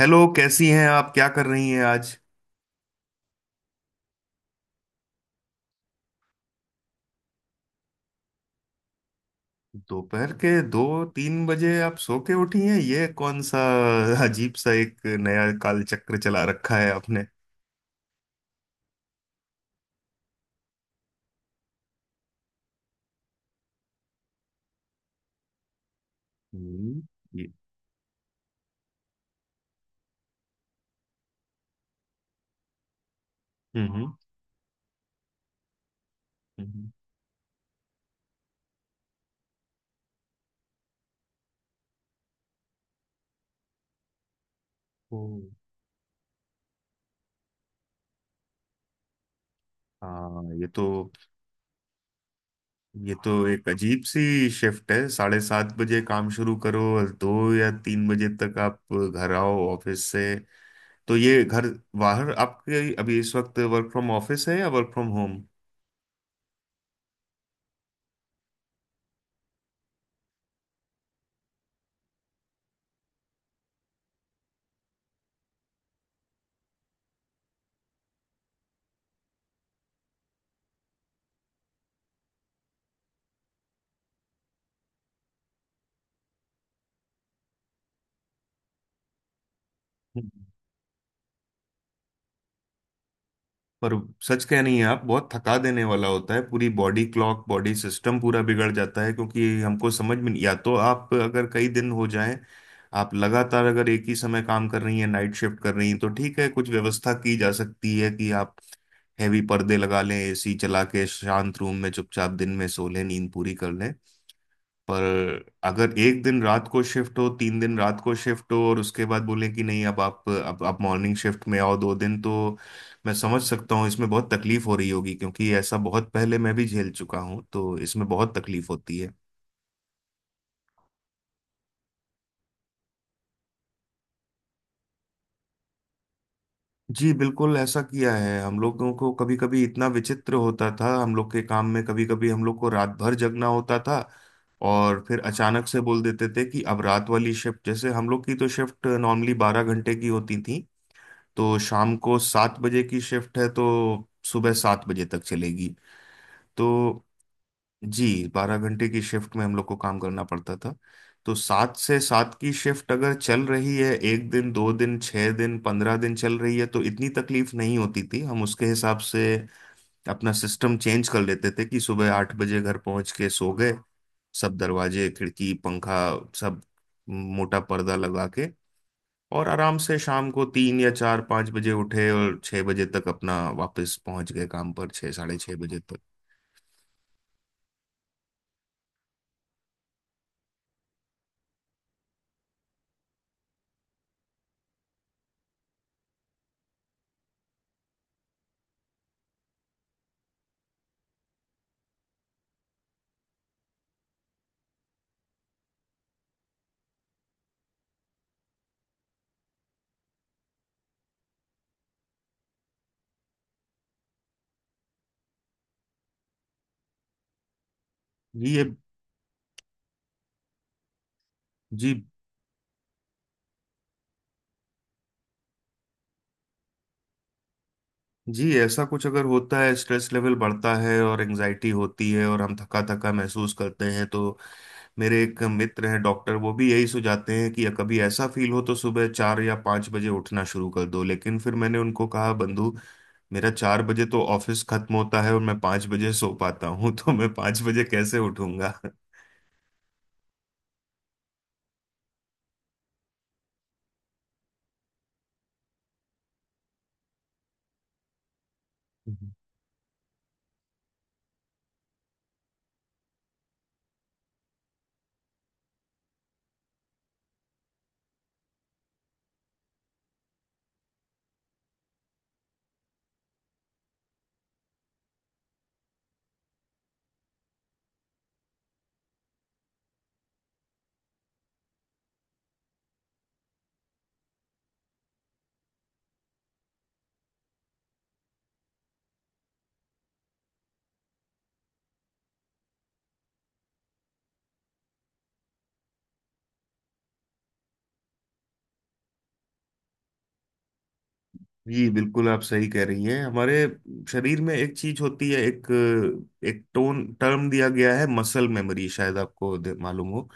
Hello, कैसी हैं आप? क्या कर रही हैं आज दोपहर के 2-3 बजे आप सो के उठी हैं? ये कौन सा अजीब सा एक नया कालचक्र चला रखा है आपने। हम्म। ये- हम्म। हम्म। ओ। हाँ, ये तो एक अजीब सी शिफ्ट है, 7:30 बजे काम शुरू करो और 2 या 3 बजे तक आप घर आओ ऑफिस से। तो ये घर बाहर आपके अभी इस वक्त वर्क फ्रॉम ऑफिस है या वर्क फ्रॉम होम? पर सच कह नहीं है आप, बहुत थका देने वाला होता है, पूरी बॉडी क्लॉक बॉडी सिस्टम पूरा बिगड़ जाता है, क्योंकि हमको समझ में नहीं। या तो आप अगर कई दिन हो जाए, आप लगातार अगर एक ही समय काम कर रही हैं, नाइट शिफ्ट कर रही हैं तो ठीक है, कुछ व्यवस्था की जा सकती है कि आप हैवी पर्दे लगा लें, एसी चला के शांत रूम में चुपचाप दिन में सो लें, नींद पूरी कर लें। पर अगर एक दिन रात को शिफ्ट हो, तीन दिन रात को शिफ्ट हो, और उसके बाद बोले कि नहीं, अब आप मॉर्निंग शिफ्ट में आओ दो दिन, तो मैं समझ सकता हूँ इसमें बहुत तकलीफ हो रही होगी, क्योंकि ऐसा बहुत पहले मैं भी झेल चुका हूँ, तो इसमें बहुत तकलीफ होती है। जी बिल्कुल ऐसा किया है। हम लोगों को कभी कभी इतना विचित्र होता था, हम लोग के काम में कभी कभी हम लोग को रात भर जगना होता था, और फिर अचानक से बोल देते थे कि अब रात वाली शिफ्ट, जैसे हम लोग की तो शिफ्ट नॉर्मली 12 घंटे की होती थी। तो शाम को 7 बजे की शिफ्ट है तो सुबह 7 बजे तक चलेगी। तो जी, 12 घंटे की शिफ्ट में हम लोग को काम करना पड़ता था। तो 7 से 7 की शिफ्ट अगर चल रही है, एक दिन, दो दिन, 6 दिन, 15 दिन चल रही है तो इतनी तकलीफ नहीं होती थी। हम उसके हिसाब से अपना सिस्टम चेंज कर लेते थे कि सुबह 8 बजे घर पहुंच के सो गए, सब दरवाजे खिड़की पंखा, सब मोटा पर्दा लगा के, और आराम से शाम को 3 या 4-5 बजे उठे और 6 बजे तक अपना वापस पहुंच गए काम पर, 6-6:30 बजे तक। जी। ये जी, जी, ऐसा कुछ अगर होता है, स्ट्रेस लेवल बढ़ता है और एंजाइटी होती है और हम थका थका महसूस करते हैं, तो मेरे एक मित्र हैं डॉक्टर, वो भी यही सुझाते हैं कि कभी ऐसा फील हो तो सुबह 4 या 5 बजे उठना शुरू कर दो। लेकिन फिर मैंने उनको कहा बंधु, मेरा 4 बजे तो ऑफिस खत्म होता है और मैं 5 बजे सो पाता हूँ, तो मैं 5 बजे कैसे उठूंगा? जी बिल्कुल, आप सही कह रही हैं। हमारे शरीर में एक चीज होती है, एक एक टोन टर्म दिया गया है मसल मेमोरी, शायद आपको मालूम हो।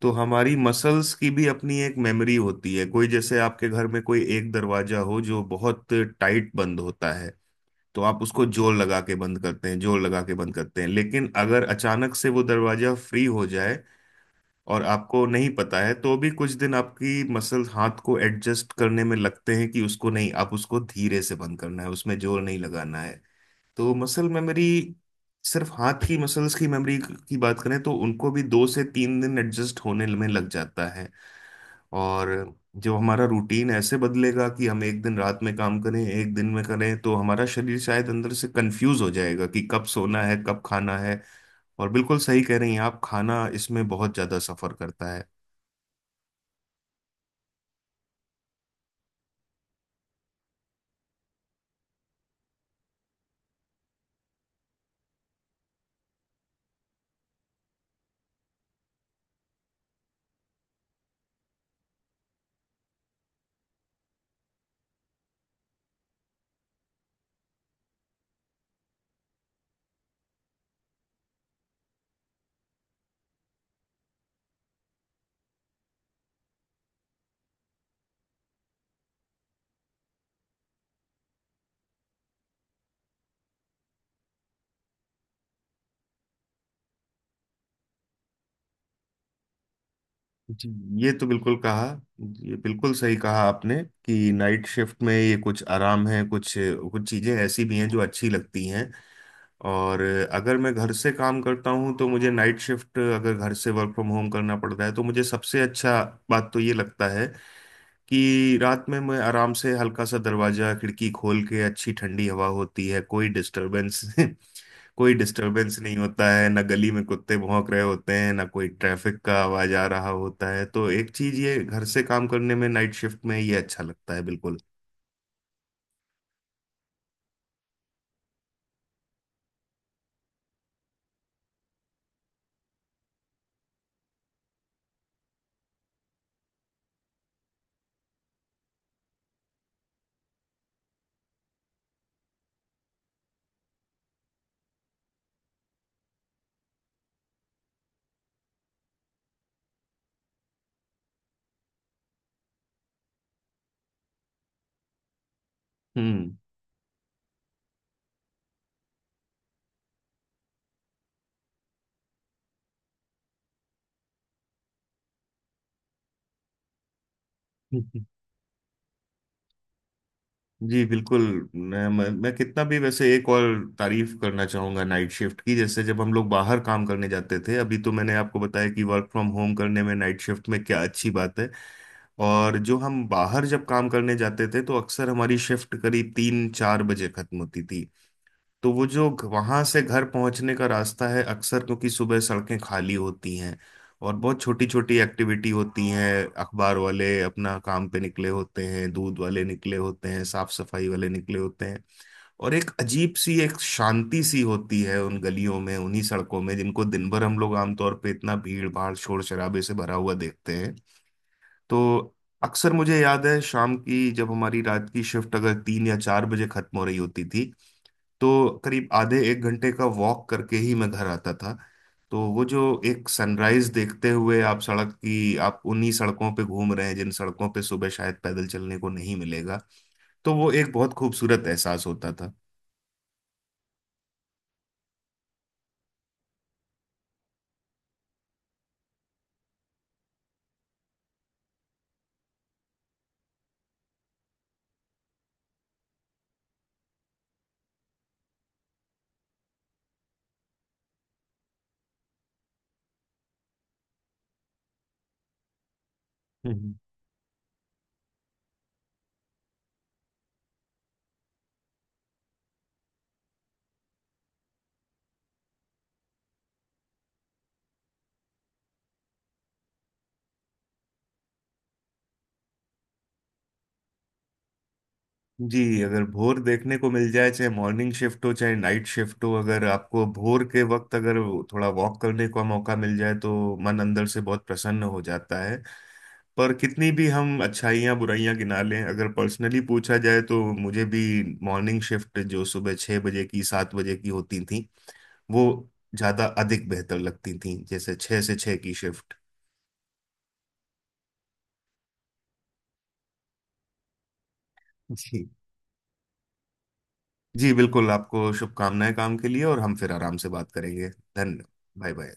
तो हमारी मसल्स की भी अपनी एक मेमोरी होती है। कोई जैसे आपके घर में कोई एक दरवाजा हो जो बहुत टाइट बंद होता है, तो आप उसको जोर लगा के बंद करते हैं, जोर लगा के बंद करते हैं, लेकिन अगर अचानक से वो दरवाजा फ्री हो जाए और आपको नहीं पता है, तो भी कुछ दिन आपकी मसल हाथ को एडजस्ट करने में लगते हैं, कि उसको नहीं, आप उसको धीरे से बंद करना है, उसमें जोर नहीं लगाना है। तो मसल मेमोरी, सिर्फ हाथ की मसल्स की मेमोरी की बात करें तो उनको भी 2 से 3 दिन एडजस्ट होने में लग जाता है। और जो हमारा रूटीन ऐसे बदलेगा कि हम एक दिन रात में काम करें एक दिन में करें, तो हमारा शरीर शायद अंदर से कंफ्यूज हो जाएगा कि कब सोना है कब खाना है। और बिल्कुल सही कह रही हैं आप, खाना इसमें बहुत ज्यादा सफर करता है। जी, ये तो बिल्कुल कहा, ये बिल्कुल सही कहा आपने, कि नाइट शिफ्ट में ये कुछ आराम है, कुछ कुछ चीज़ें ऐसी भी हैं जो अच्छी लगती हैं। और अगर मैं घर से काम करता हूँ तो मुझे नाइट शिफ्ट, अगर घर से वर्क फ्रॉम होम करना पड़ता है तो मुझे सबसे अच्छा बात तो ये लगता है कि रात में मैं आराम से हल्का सा दरवाज़ा खिड़की खोल के, अच्छी ठंडी हवा होती है, कोई डिस्टरबेंस कोई डिस्टरबेंस नहीं होता है, ना गली में कुत्ते भौंक रहे होते हैं, ना कोई ट्रैफिक का आवाज आ रहा होता है, तो एक चीज ये घर से काम करने में नाइट शिफ्ट में ये अच्छा लगता है बिल्कुल। हम्म। जी बिल्कुल। मैं कितना भी वैसे एक और तारीफ करना चाहूंगा नाइट शिफ्ट की। जैसे जब हम लोग बाहर काम करने जाते थे, अभी तो मैंने आपको बताया कि वर्क फ्रॉम होम करने में नाइट शिफ्ट में क्या अच्छी बात है, और जो हम बाहर जब काम करने जाते थे तो अक्सर हमारी शिफ्ट करीब 3-4 बजे खत्म होती थी। तो वो जो वहां से घर पहुंचने का रास्ता है, अक्सर क्योंकि सुबह सड़कें खाली होती हैं और बहुत छोटी छोटी एक्टिविटी होती हैं, अखबार वाले अपना काम पे निकले होते हैं, दूध वाले निकले होते हैं, साफ सफाई वाले निकले होते हैं, और एक अजीब सी एक शांति सी होती है उन गलियों में, उन्हीं सड़कों में जिनको दिन भर हम लोग आमतौर पे इतना भीड़ भाड़ शोर शराबे से भरा हुआ देखते हैं। तो अक्सर मुझे याद है शाम की, जब हमारी रात की शिफ्ट अगर 3 या 4 बजे खत्म हो रही होती थी तो करीब आधे एक घंटे का वॉक करके ही मैं घर आता था। तो वो जो एक सनराइज देखते हुए आप सड़क की, आप उन्हीं सड़कों पे घूम रहे हैं जिन सड़कों पे सुबह शायद पैदल चलने को नहीं मिलेगा, तो वो एक बहुत खूबसूरत एहसास होता था। हम्म। जी, अगर भोर देखने को मिल जाए, चाहे मॉर्निंग शिफ्ट हो चाहे नाइट शिफ्ट हो, अगर आपको भोर के वक्त अगर थोड़ा वॉक करने का मौका मिल जाए तो मन अंदर से बहुत प्रसन्न हो जाता है। पर कितनी भी हम अच्छाइयाँ बुराइयाँ गिना लें अगर पर्सनली पूछा जाए तो मुझे भी मॉर्निंग शिफ्ट जो सुबह 6 बजे की 7 बजे की होती थी, वो ज़्यादा अधिक बेहतर लगती थी, जैसे 6 से 6 की शिफ्ट। जी। जी बिल्कुल, आपको शुभकामनाएं काम के लिए, और हम फिर आराम से बात करेंगे। धन्यवाद। Bye bye.